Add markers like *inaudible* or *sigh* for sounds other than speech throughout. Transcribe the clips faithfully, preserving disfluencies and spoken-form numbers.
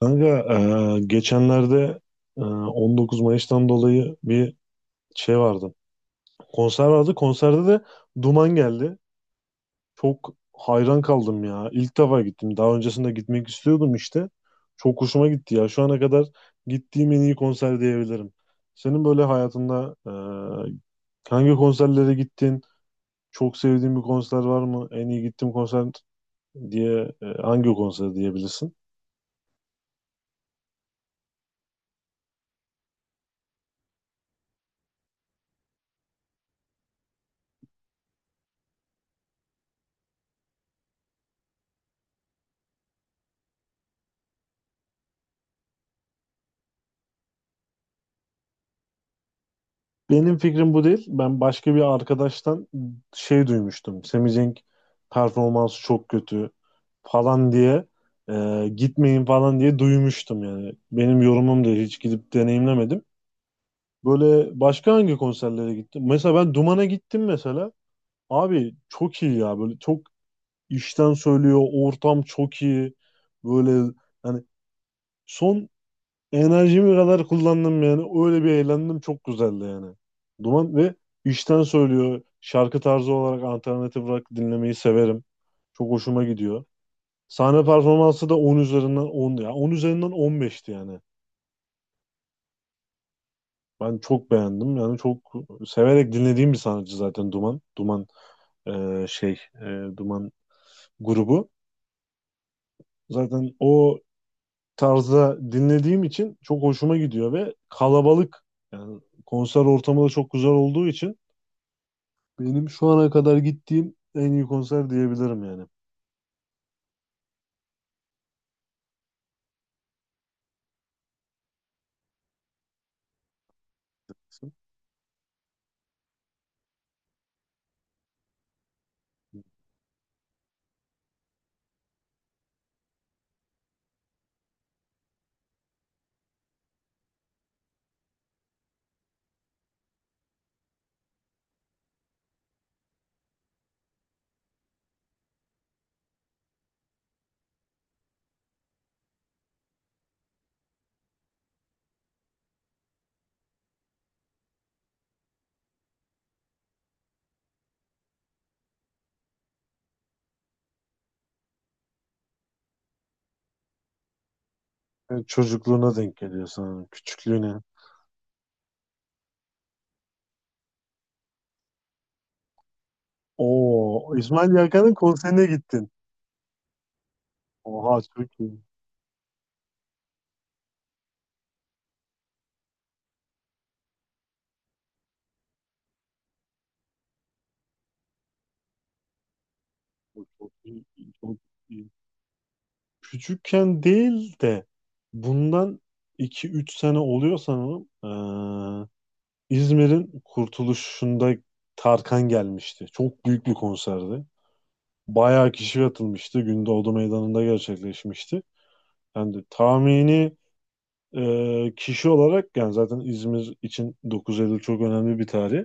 Kanka, e, geçenlerde e, on dokuz Mayıs'tan dolayı bir şey vardı. Konser vardı. Konserde de Duman geldi. Çok hayran kaldım ya. İlk defa gittim. Daha öncesinde gitmek istiyordum işte. Çok hoşuma gitti ya. Şu ana kadar gittiğim en iyi konser diyebilirim. Senin böyle hayatında e, hangi konserlere gittin? Çok sevdiğin bir konser var mı? En iyi gittiğim konser diye e, hangi konser diyebilirsin? Benim fikrim bu değil. Ben başka bir arkadaştan şey duymuştum. Semih Cenk performansı çok kötü falan diye e, gitmeyin falan diye duymuştum yani. Benim yorumum da hiç gidip deneyimlemedim. Böyle başka hangi konserlere gittim? Mesela ben Duman'a gittim mesela. Abi çok iyi ya, böyle çok işten söylüyor. Ortam çok iyi. Böyle hani son enerjimi kadar kullandım yani. Öyle bir eğlendim. Çok güzeldi yani. Duman ve işten söylüyor. Şarkı tarzı olarak alternatif rock dinlemeyi severim. Çok hoşuma gidiyor. Sahne performansı da on üzerinden on ya on üzerinden on beşti yani. Ben çok beğendim. Yani çok severek dinlediğim bir sanatçı zaten Duman. Duman e, şey e, Duman grubu. Zaten o tarzda dinlediğim için çok hoşuma gidiyor ve kalabalık, yani konser ortamı da çok güzel olduğu için benim şu ana kadar gittiğim en iyi konser diyebilirim yani. Yani çocukluğuna denk geliyor sana, küçüklüğüne. Oo, İsmail Yakan'ın konserine gittin. Oha, çok iyi. Çok çok iyi. Çok iyi. Küçükken değil de bundan iki üç sene oluyor sanırım. Ee, İzmir'in kurtuluşunda Tarkan gelmişti. Çok büyük bir konserdi. Bayağı kişi katılmıştı. Gündoğdu Meydanı'nda gerçekleşmişti. Yani tahmini Ee, kişi olarak, yani zaten İzmir için dokuz Eylül çok önemli bir tarih.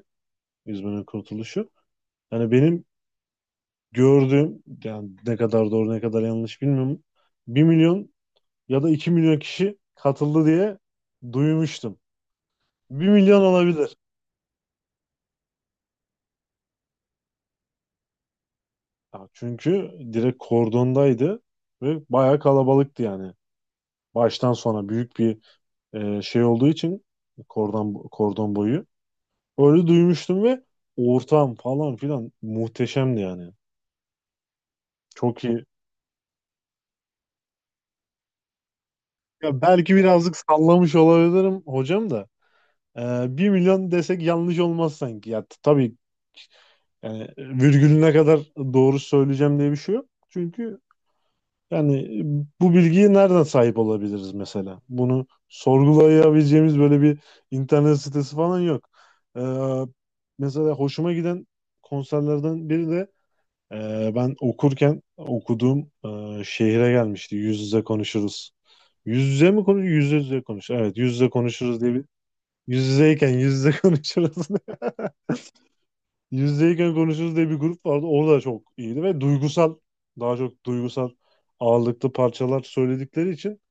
İzmir'in kurtuluşu. Yani benim gördüğüm, yani ne kadar doğru ne kadar yanlış bilmiyorum. Bir milyon ya da iki milyon kişi katıldı diye duymuştum. Bir milyon olabilir. Ya çünkü direkt kordondaydı ve bayağı kalabalıktı yani. Baştan sona büyük bir e, şey olduğu için kordon, kordon boyu. Öyle duymuştum ve ortam falan filan muhteşemdi yani. Çok iyi. Ya belki birazcık sallamış olabilirim hocam da. Ee, bir milyon desek yanlış olmaz sanki. Ya t- tabii, yani virgülüne kadar doğru söyleyeceğim diye bir şey yok. Çünkü yani bu bilgiye nereden sahip olabiliriz mesela? Bunu sorgulayabileceğimiz böyle bir internet sitesi falan yok. Ee, mesela hoşuma giden konserlerden biri de e, ben okurken okuduğum e, şehire gelmişti. Yüz yüze konuşuruz. Yüz yüze mi konuş? Yüz yüze konuş. Evet, yüz yüze konuşuruz diye bir yüz yüzeyken yüz yüze *laughs* konuşuruz. Yüz yüzeyken konuşuruz diye bir grup vardı. Orada çok iyiydi ve duygusal, daha çok duygusal ağırlıklı parçalar söyledikleri için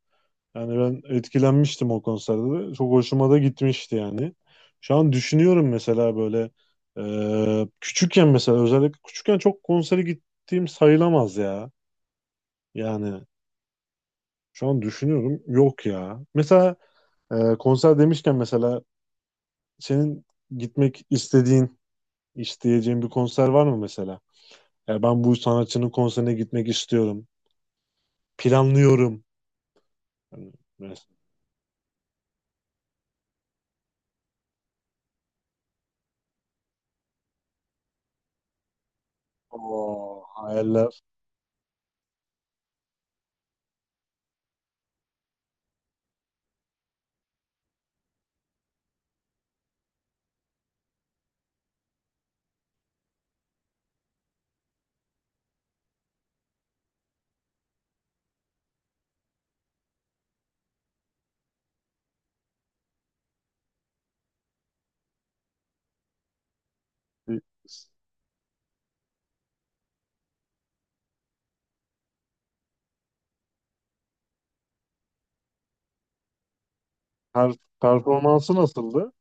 yani ben etkilenmiştim o konserde de. Çok hoşuma da gitmişti yani. Şu an düşünüyorum mesela, böyle e, küçükken, mesela özellikle küçükken çok konsere gittiğim sayılamaz ya. Yani şu an düşünüyorum, yok ya. Mesela e, konser demişken mesela, senin gitmek istediğin, isteyeceğin bir konser var mı mesela? Ya ben bu sanatçının konserine gitmek istiyorum. Planlıyorum. Hani mesela, o hayaller. Per- performansı nasıldı?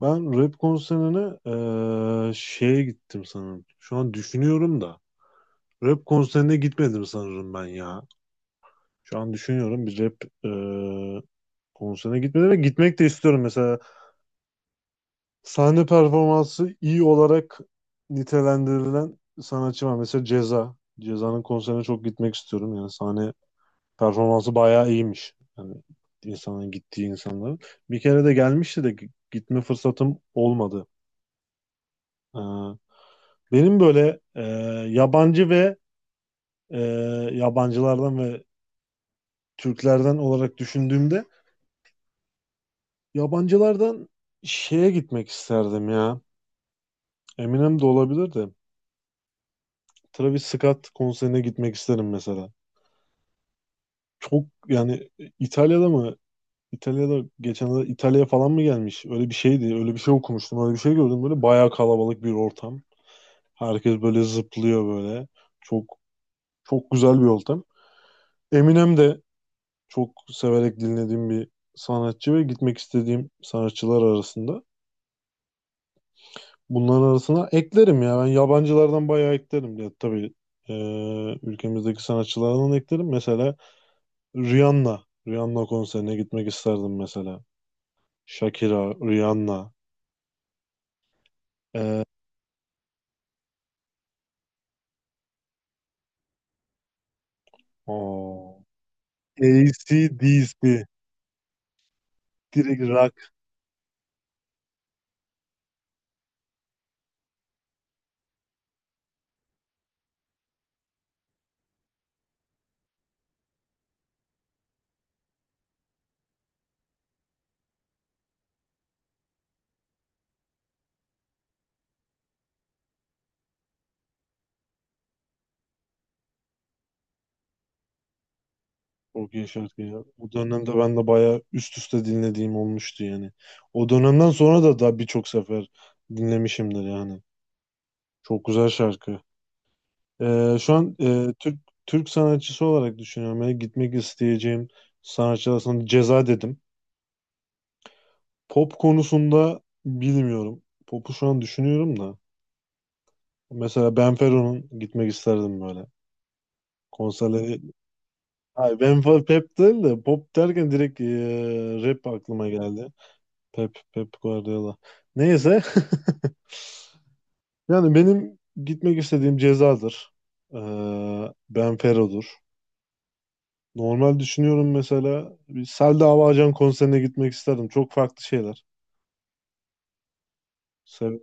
Ben rap konserine eee, şeye gittim sanırım. Şu an düşünüyorum da. Rap konserine gitmedim sanırım ben ya. Şu an düşünüyorum, bir rap eee konserine gitmedim ve gitmek de istiyorum mesela. Sahne performansı iyi olarak nitelendirilen sanatçı var. Mesela Ceza. Ceza'nın konserine çok gitmek istiyorum. Yani sahne performansı bayağı iyiymiş. Yani insanın gittiği insanların. Bir kere de gelmişti de gi- gitme fırsatım olmadı. Ee, benim böyle e, yabancı ve e, yabancılardan ve Türklerden olarak düşündüğümde yabancılardan şeye gitmek isterdim ya. Eminem de olabilir de. Travis Scott konserine gitmek isterim mesela. Çok yani, e, İtalya'da mı, İtalya'da geçen İtalya'ya falan mı gelmiş? Öyle bir şeydi. Öyle bir şey okumuştum. Öyle bir şey gördüm. Böyle bayağı kalabalık bir ortam. Herkes böyle zıplıyor böyle. Çok çok güzel bir ortam. Eminem de çok severek dinlediğim bir sanatçı ve gitmek istediğim sanatçılar arasında. Bunların arasına eklerim ya. Ben yabancılardan bayağı eklerim. Ya, tabii e, ülkemizdeki sanatçılardan eklerim. Mesela Rihanna. Rihanna konserine gitmek isterdim mesela. Shakira, Rihanna. Ee, o A C/D C. Direkt rock. Çok iyi şarkı ya. O dönemde ben de bayağı üst üste dinlediğim olmuştu yani. O dönemden sonra da daha birçok sefer dinlemişimdir yani. Çok güzel şarkı. Ee, şu an e, Türk Türk sanatçısı olarak düşünüyorum. Yani gitmek isteyeceğim sanatçılar, sana Ceza dedim. Pop konusunda bilmiyorum. Pop'u şu an düşünüyorum da. Mesela Ben Fero'nun gitmek isterdim böyle. Konserleri. Hayır, ben fa- Pep değil de pop derken direkt eee, rap aklıma geldi. Pep, Pep Guardiola. Neyse. *laughs* Yani benim gitmek istediğim Ceza'dır. Eee Benfero'dur. Normal düşünüyorum, mesela bir Selda Avacan konserine gitmek isterdim. Çok farklı şeyler. Sev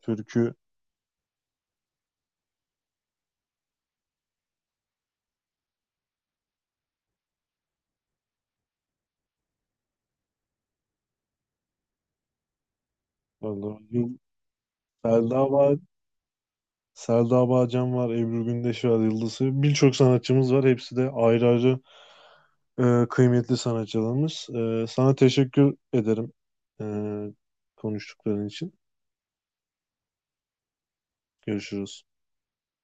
türkü. Vallahi Selda Ava- Selda Avacan var, Ebru Gündeş var, Yıldız Tilbe. Birçok sanatçımız var. Hepsi de ayrı ayrı Ee, kıymetli sanatçılarımız. Ee, sana teşekkür ederim ee, konuştukların için. Görüşürüz.